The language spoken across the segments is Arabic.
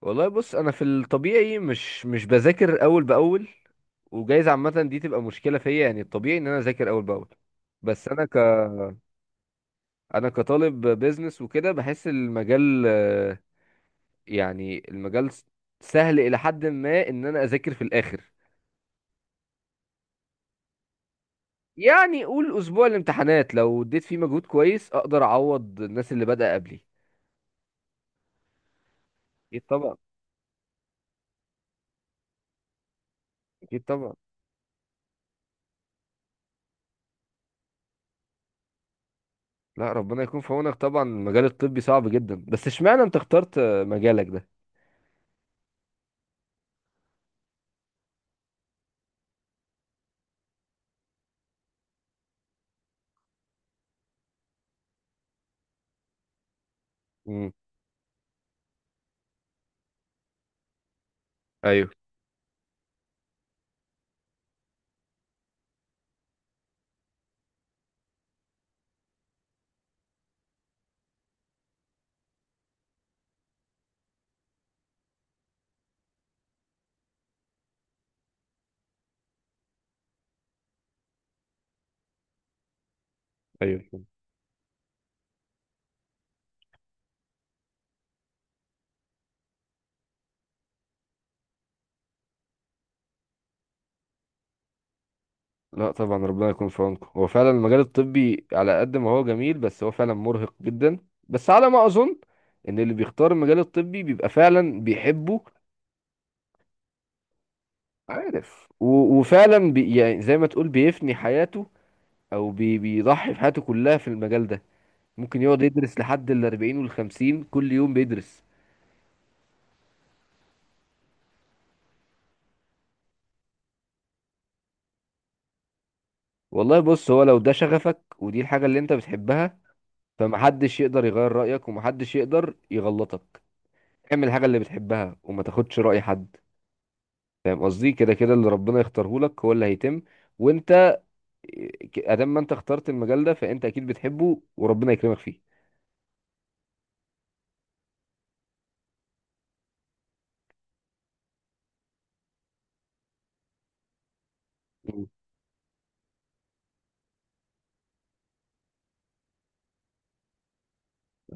والله بص انا في الطبيعي مش بذاكر اول باول. وجايز عامه دي تبقى مشكله فيا، يعني الطبيعي ان انا اذاكر اول باول. بس انا كطالب بيزنس وكده بحس المجال يعني سهل الى حد ما ان انا اذاكر في الاخر. يعني قول اسبوع الامتحانات لو اديت فيه مجهود كويس اقدر اعوض الناس اللي بدأ قبلي. اكيد طبعا. اكيد طبعا. لا ربنا يكون في عونك، طبعا المجال الطبي صعب جدا، بس اشمعنى انت اخترت مجالك ده؟ امم. ايوه. ايوه. لا طبعا ربنا يكون في عونكم، هو فعلا المجال الطبي على قد ما هو جميل بس هو فعلا مرهق جدا. بس على ما اظن ان اللي بيختار المجال الطبي بيبقى فعلا بيحبه. عارف وفعلا بي يعني زي ما تقول بيفني حياته، او بي بيضحي بحياته كلها في المجال ده. ممكن يقعد يدرس لحد ال 40 وال 50، كل يوم بيدرس. والله بص، هو لو ده شغفك ودي الحاجة اللي انت بتحبها فمحدش يقدر يغير رأيك ومحدش يقدر يغلطك. اعمل الحاجة اللي بتحبها وما تاخدش رأي حد. فاهم قصدي؟ كده كده اللي ربنا يختاره لك هو اللي هيتم. وانت ادام ما انت اخترت المجال ده فانت اكيد بتحبه وربنا يكرمك فيه. مم.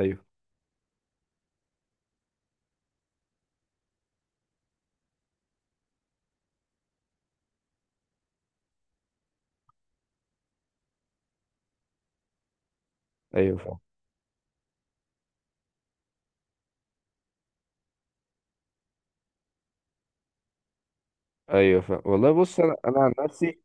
ايوه. ايوه فاهم. ايوه فاهم. والله بص، انا عن نفسي،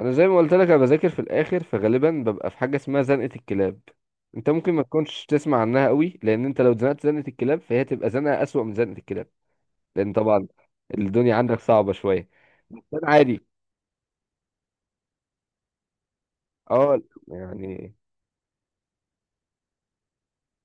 انا زي ما قلت لك انا بذاكر في الاخر فغالبا ببقى في حاجه اسمها زنقه الكلاب. انت ممكن ما تكونش تسمع عنها قوي، لان انت لو زنقت زنقه الكلاب فهي تبقى زنقه اسوأ من زنقه الكلاب. لان طبعا الدنيا عندك صعبه شويه. بس عادي. اه. يعني.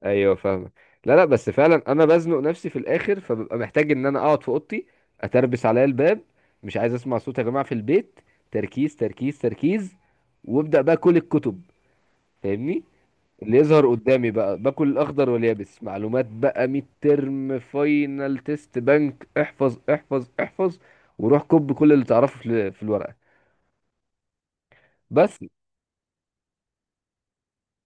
ايوه فاهمك. لا بس فعلا انا بزنق نفسي في الاخر فببقى محتاج ان انا اقعد في اوضتي، اتربس عليا الباب، مش عايز اسمع صوت يا جماعه في البيت. تركيز تركيز تركيز. وابدا بقى كل الكتب، فاهمني، اللي يظهر قدامي بقى باكل الاخضر واليابس معلومات بقى ميد ترم فاينل تيست بنك احفظ احفظ احفظ. وروح كب كل اللي تعرفه في الورقه. بس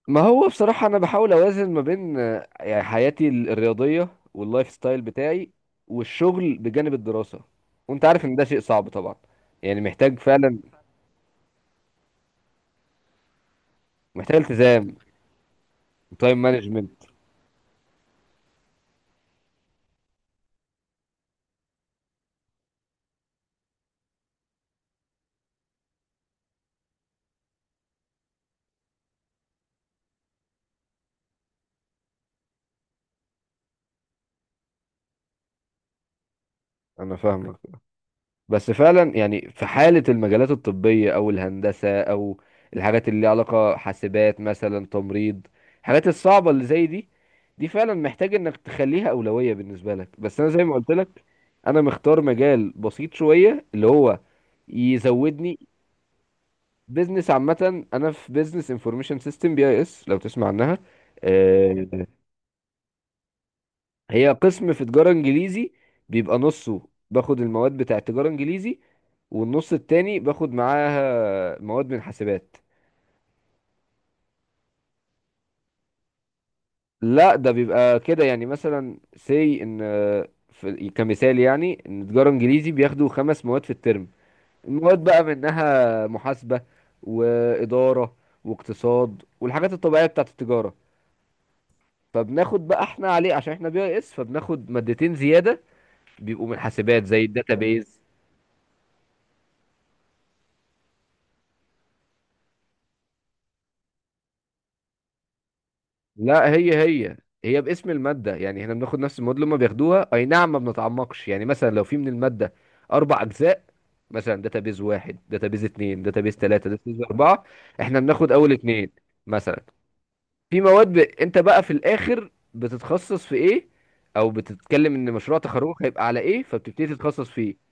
ما هو بصراحة أنا بحاول أوازن ما بين يعني حياتي الرياضية واللايف ستايل بتاعي والشغل بجانب الدراسة. وأنت عارف إن ده شيء صعب طبعا، يعني محتاج فعلا، محتاج التزام، تايم مانجمنت. أنا فاهمك، بس فعلا يعني في حالة المجالات الطبية أو الهندسة أو الحاجات اللي ليها علاقة حاسبات مثلا تمريض، الحاجات الصعبة اللي زي دي، دي فعلا محتاج إنك تخليها أولوية بالنسبة لك. بس أنا زي ما قلت لك أنا مختار مجال بسيط شوية اللي هو يزودني. بيزنس عامة، أنا في بيزنس انفورميشن سيستم، بي أي إس لو تسمع عنها. آه، هي قسم في تجارة انجليزي. بيبقى نصه باخد المواد بتاع تجارة انجليزي، والنص التاني باخد معاها مواد من حاسبات. لا ده بيبقى كده، يعني مثلا سي ان في كمثال، يعني ان تجارة انجليزي بياخدوا خمس مواد في الترم. المواد بقى منها محاسبة وإدارة واقتصاد والحاجات الطبيعية بتاعة التجارة. فبناخد بقى احنا عليه عشان احنا بي اس فبناخد مادتين زيادة، بيبقوا من حاسبات زي الداتابيز. لا هي باسم المادة، يعني احنا بناخد نفس المواد اللي هم بياخدوها، اي نعم ما بنتعمقش. يعني مثلا لو في من المادة اربع اجزاء، مثلا داتابيز واحد داتابيز اتنين داتابيز تلاتة داتابيز اربعة، احنا بناخد اول اتنين مثلا. في مواد انت بقى في الاخر بتتخصص في ايه، او بتتكلم ان مشروع تخرجك هيبقى على ايه فبتبتدي تتخصص فيه.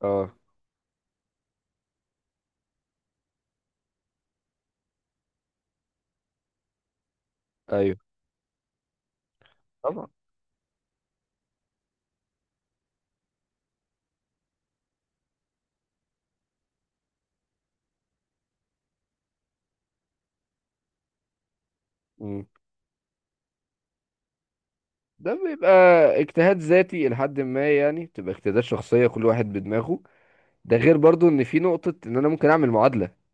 اه. ايوه طبعا. مم. ده بيبقى اجتهاد ذاتي لحد ما، يعني بتبقى اجتهادات شخصية كل واحد بدماغه. ده غير برضو ان في نقطة ان انا ممكن اعمل معادلة.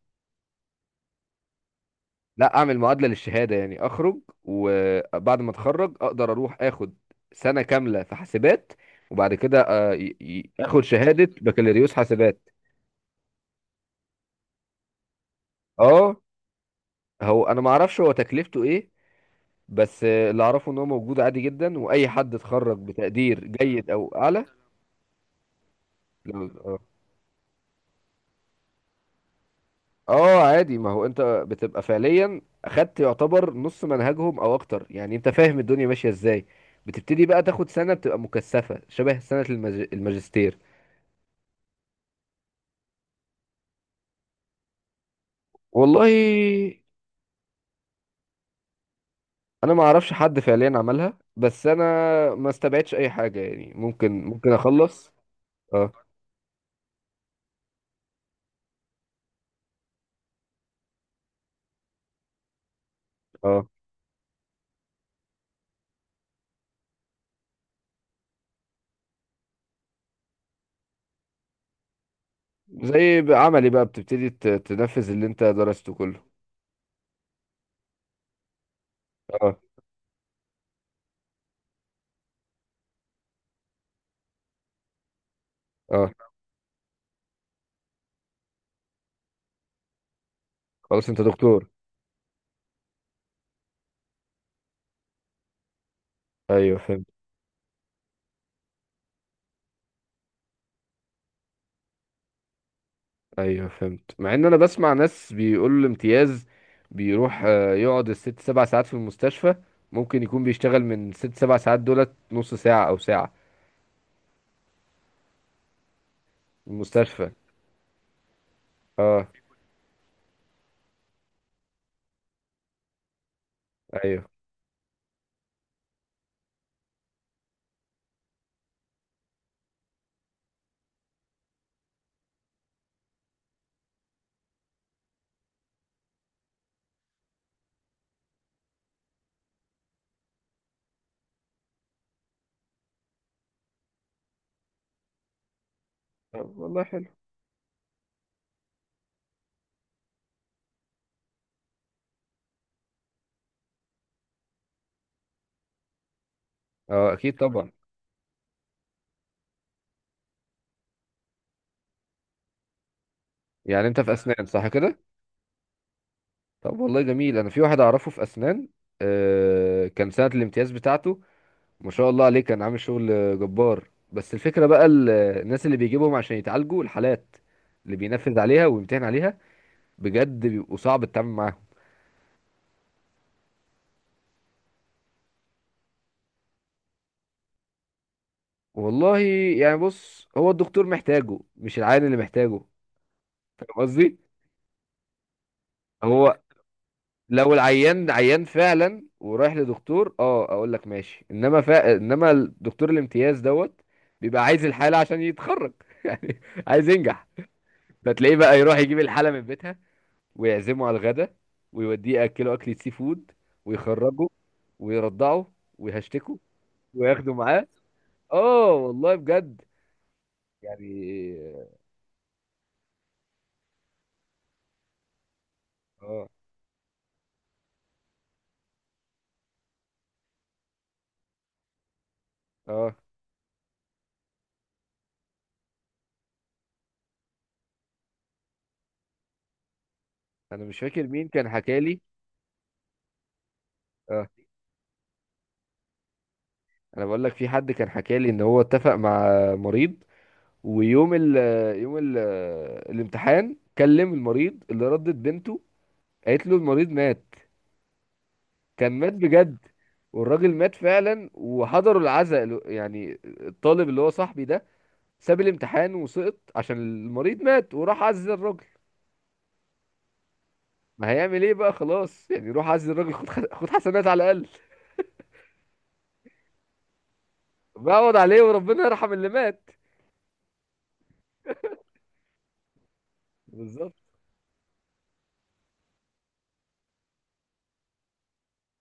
لا اعمل معادلة للشهادة، يعني اخرج وبعد ما اتخرج اقدر اروح اخد سنة كاملة في حاسبات، وبعد كده اخد شهادة بكالوريوس حاسبات. اه. هو انا ما اعرفش هو تكلفته ايه، بس اللي اعرفه ان هو موجود عادي جدا واي حد اتخرج بتقدير جيد او اعلى. اه. اه عادي، ما هو انت بتبقى فعليا اخدت يعتبر نص منهجهم او اكتر، يعني انت فاهم الدنيا ماشيه ازاي. بتبتدي بقى تاخد سنه بتبقى مكثفه شبه سنه الماجستير. والله انا ما اعرفش حد فعليا عملها، بس انا ما استبعدش اي حاجه، يعني ممكن ممكن اخلص. اه. اه زي بقى عملي بقى، بتبتدي تنفذ اللي انت درسته كله. اه. اه خلاص انت دكتور. ايوه فهمت. ايوه فهمت، مع ان انا بسمع ناس بيقولوا الامتياز بيروح يقعد الست سبع ساعات في المستشفى، ممكن يكون بيشتغل من ست سبع ساعات دولت نص ساعة او ساعة في المستشفى. اه. ايوه. طب والله حلو. اه اكيد طبعا. يعني انت في اسنان صح كده؟ طب والله جميل، انا في واحد اعرفه في اسنان. آه كان سنة الامتياز بتاعته ما شاء الله عليه كان عامل شغل جبار. بس الفكرة بقى الناس اللي بيجيبهم عشان يتعالجوا، الحالات اللي بينفذ عليها ويمتحن عليها، بجد بيبقوا صعب التعامل معاهم. والله يعني بص، هو الدكتور محتاجه مش العيان اللي محتاجه. فاهم قصدي؟ هو لو العيان عيان فعلا ورايح لدكتور اه اقول لك ماشي، انما انما الدكتور الامتياز دوت بيبقى عايز الحالة عشان يتخرج يعني، عايز ينجح. فتلاقيه بقى يروح يجيب الحالة من بيتها، ويعزمه على الغدا، ويوديه ياكله اكلة سي فود، ويخرجه، ويرضعه، ويهشتكه، وياخده معاه. اه والله بجد يعني. اه. اه انا مش فاكر مين كان حكالي. اه انا بقول لك، في حد كان حكالي ان هو اتفق مع مريض، ويوم ال يوم ال الامتحان كلم المريض، اللي ردت بنته قالت له المريض مات. كان مات بجد، والراجل مات فعلا وحضروا العزاء يعني الطالب اللي هو صاحبي ده ساب الامتحان وسقط عشان المريض مات وراح عزى الراجل. ما هيعمل ايه بقى؟ خلاص يعني روح عزى الراجل، خد حسنات على الاقل. بقعد عليه وربنا يرحم اللي مات. بالظبط.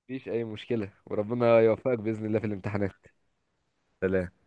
مفيش اي مشكلة، وربنا يوفقك بإذن الله في الامتحانات. سلام.